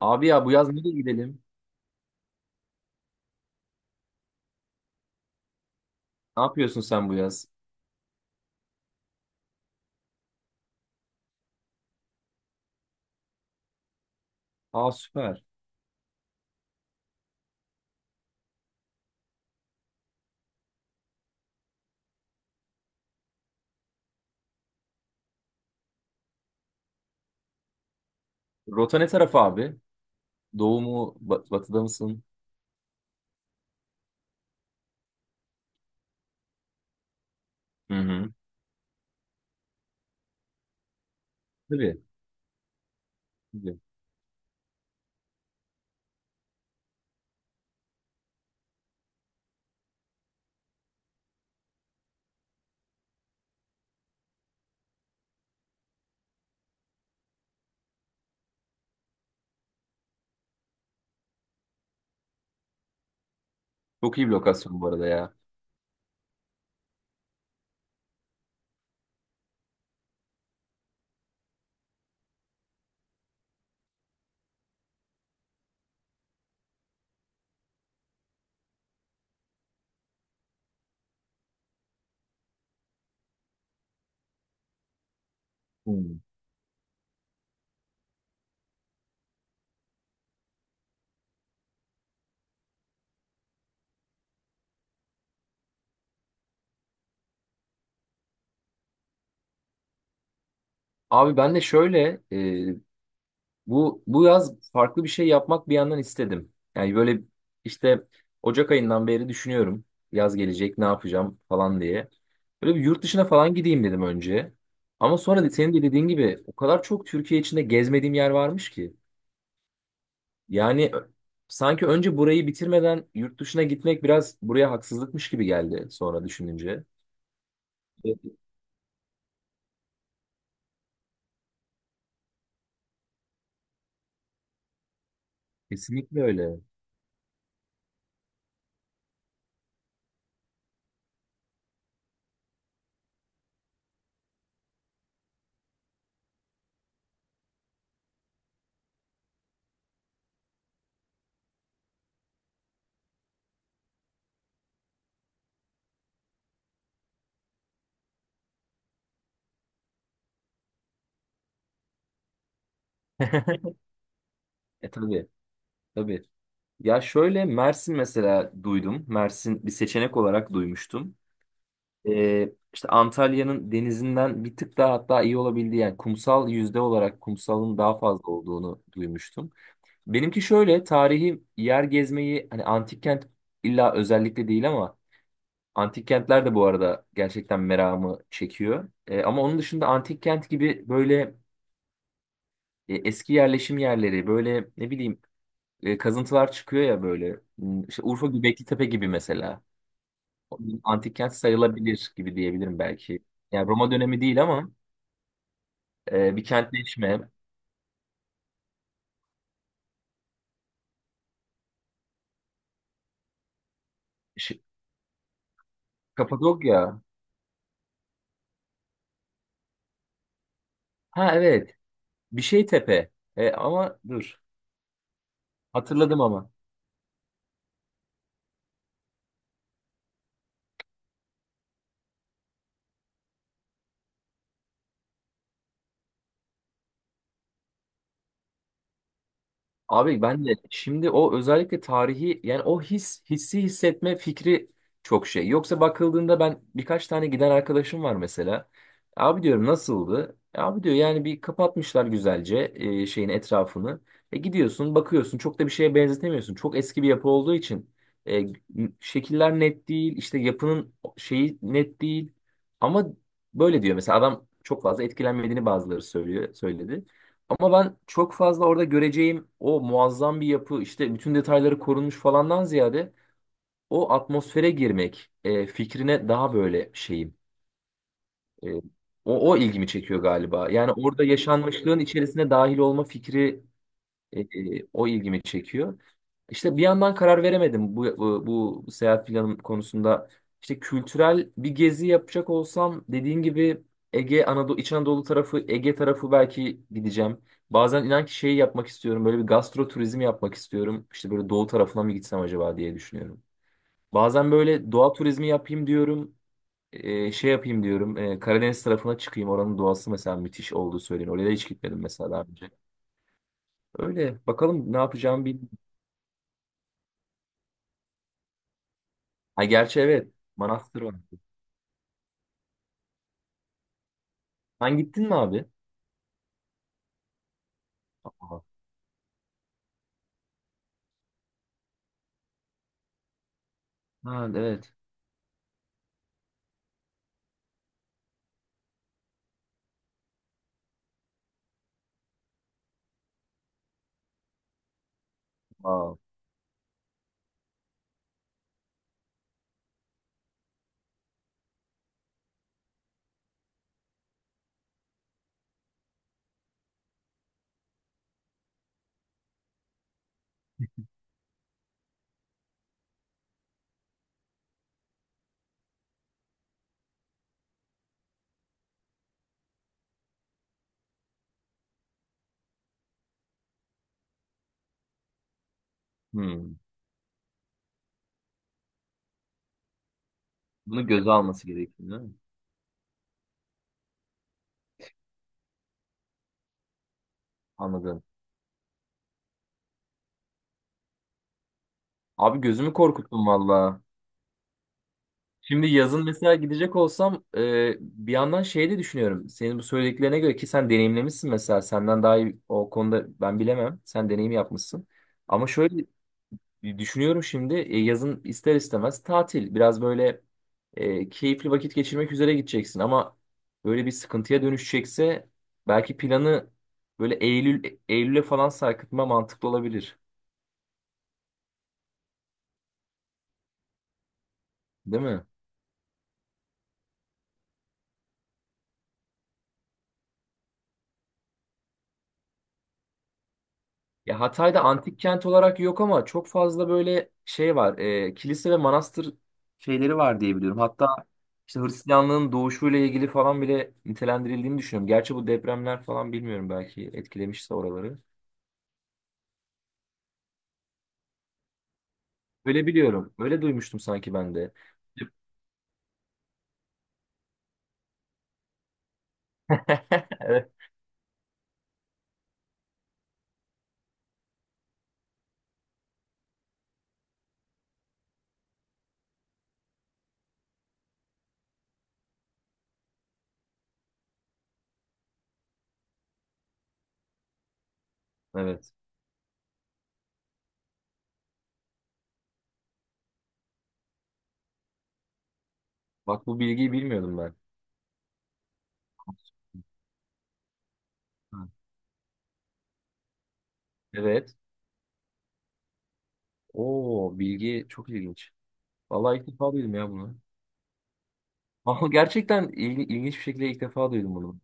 Abi ya, bu yaz nereye gidelim? Ne yapıyorsun sen bu yaz? Aa, süper. Rota ne tarafı abi? Doğu mu? Batıda mısın? Hı hı. Tabii, tabii. Çok iyi bir lokasyon bu arada ya. Hı. Abi ben de şöyle, bu yaz farklı bir şey yapmak bir yandan istedim. Yani böyle işte Ocak ayından beri düşünüyorum. Yaz gelecek ne yapacağım falan diye. Böyle bir yurt dışına falan gideyim dedim önce. Ama sonra da senin de dediğin gibi o kadar çok Türkiye içinde gezmediğim yer varmış ki. Yani sanki önce burayı bitirmeden yurt dışına gitmek biraz buraya haksızlıkmış gibi geldi sonra düşününce. Evet. Kesinlikle öyle. E tabii, tabii. Ya şöyle, Mersin mesela duydum. Mersin bir seçenek olarak duymuştum. İşte Antalya'nın denizinden bir tık daha hatta iyi olabildiği, yani kumsal yüzde olarak kumsalın daha fazla olduğunu duymuştum. Benimki şöyle, tarihi yer gezmeyi hani antik kent illa özellikle değil ama antik kentler de bu arada gerçekten meramı çekiyor. E, ama onun dışında antik kent gibi böyle eski yerleşim yerleri, böyle ne bileyim, kazıntılar çıkıyor ya böyle. Hmm, İşte Urfa Göbekli Tepe gibi mesela. Antik kent sayılabilir gibi diyebilirim belki. Yani Roma dönemi değil ama bir kentleşme. Ş- Kapadokya. Ha evet. Bir şey tepe. E, ama dur. Hatırladım ama. Abi ben de şimdi o özellikle tarihi, yani o hissi hissetme fikri çok şey. Yoksa bakıldığında ben, birkaç tane giden arkadaşım var mesela. Abi diyorum, nasıldı? E, abi diyor, yani bir kapatmışlar güzelce şeyin etrafını. E gidiyorsun, bakıyorsun, çok da bir şeye benzetemiyorsun. Çok eski bir yapı olduğu için e, şekiller net değil, işte yapının şeyi net değil. Ama böyle diyor mesela adam, çok fazla etkilenmediğini bazıları söyledi. Ama ben çok fazla orada göreceğim o muazzam bir yapı, işte bütün detayları korunmuş falandan ziyade o atmosfere girmek fikrine daha böyle şeyim. E, o ilgimi çekiyor galiba. Yani orada yaşanmışlığın içerisine dahil olma fikri, o ilgimi çekiyor. İşte bir yandan karar veremedim bu seyahat planım konusunda. İşte kültürel bir gezi yapacak olsam, dediğin gibi Ege, Anadolu, İç Anadolu tarafı, Ege tarafı belki gideceğim. Bazen inan ki şeyi yapmak istiyorum. Böyle bir gastro turizmi yapmak istiyorum. İşte böyle doğu tarafına mı gitsem acaba diye düşünüyorum. Bazen böyle doğa turizmi yapayım diyorum. E, şey yapayım diyorum. E, Karadeniz tarafına çıkayım. Oranın doğası mesela müthiş olduğu söyleniyor. Oraya da hiç gitmedim mesela daha önce. Öyle. Bakalım ne yapacağımı. Ha gerçi evet. Manastır var. Sen gittin mi abi? Aa. Ha evet. Aa. Hmm. Bunu göze alması gerekiyor, değil mi? Anladım. Abi gözümü korkuttun valla. Şimdi yazın mesela gidecek olsam, bir yandan şey de düşünüyorum. Senin bu söylediklerine göre, ki sen deneyimlemişsin mesela. Senden daha iyi o konuda ben bilemem. Sen deneyim yapmışsın. Ama şöyle, düşünüyorum şimdi, yazın ister istemez tatil. Biraz böyle keyifli vakit geçirmek üzere gideceksin ama böyle bir sıkıntıya dönüşecekse belki planı böyle Eylül'e falan sarkıtma mantıklı olabilir. Değil mi? Ya Hatay'da antik kent olarak yok ama çok fazla böyle şey var. Kilise ve manastır şeyleri var diye biliyorum. Hatta işte Hristiyanlığın doğuşuyla ilgili falan bile nitelendirildiğini düşünüyorum. Gerçi bu depremler falan bilmiyorum, belki etkilemişse oraları. Öyle biliyorum. Öyle duymuştum sanki ben de. Evet. Evet. Bak, bu bilgiyi bilmiyordum ben. Ha. Evet. Oo, bilgi çok ilginç. Vallahi ilk defa duydum ya bunu. Ama gerçekten ilginç bir şekilde ilk defa duydum bunu.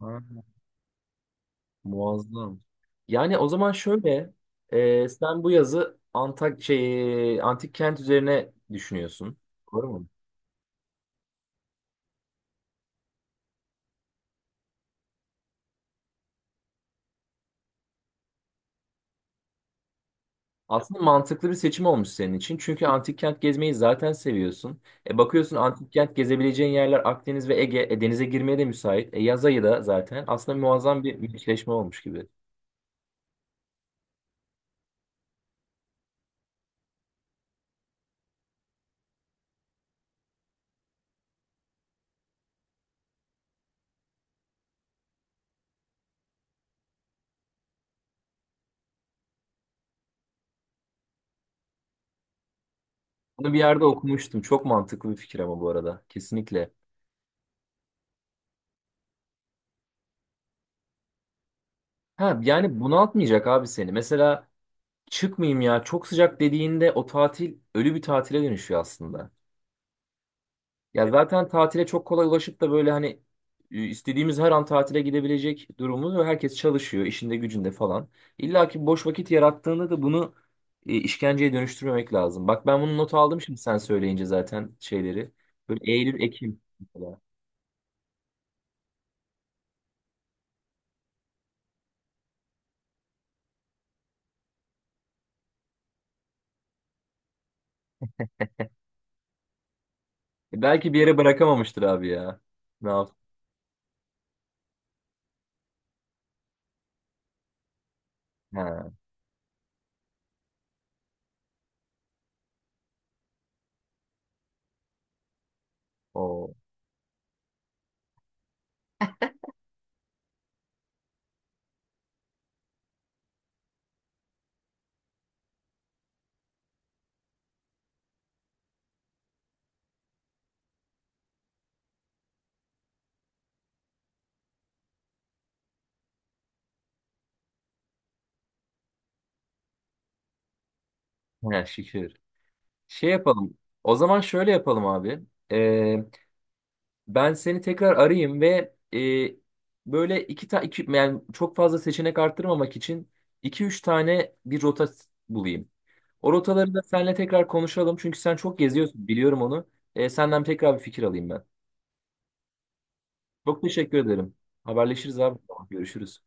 Ha, muazzam. Yani o zaman şöyle, sen bu yazı Antak şey antik kent üzerine düşünüyorsun. Doğru mu? Aslında mantıklı bir seçim olmuş senin için. Çünkü antik kent gezmeyi zaten seviyorsun. E bakıyorsun, antik kent gezebileceğin yerler Akdeniz ve Ege. E denize girmeye de müsait. E yaz ayı da zaten. Aslında muazzam bir meşleşme olmuş gibi. Bunu bir yerde okumuştum. Çok mantıklı bir fikir ama bu arada. Kesinlikle. Ha yani bunaltmayacak abi seni. Mesela çıkmayayım ya çok sıcak dediğinde o tatil ölü bir tatile dönüşüyor aslında. Ya zaten tatile çok kolay ulaşıp da böyle hani istediğimiz her an tatile gidebilecek durumumuz ve herkes çalışıyor işinde gücünde falan. İlla ki boş vakit yarattığında da bunu işkenceye dönüştürmemek lazım. Bak, ben bunu not aldım şimdi sen söyleyince zaten şeyleri. Böyle Eylül, Ekim mesela. E, belki bir yere bırakamamıştır abi ya. Ne yap? Ha, o. Ha, şükür. Şey yapalım. O zaman şöyle yapalım abi. Ben seni tekrar arayayım ve böyle iki, yani çok fazla seçenek arttırmamak için iki üç tane bir rota bulayım. O rotaları da seninle tekrar konuşalım çünkü sen çok geziyorsun, biliyorum onu. E, senden tekrar bir fikir alayım ben. Çok teşekkür ederim. Haberleşiriz abi. Tamam, görüşürüz.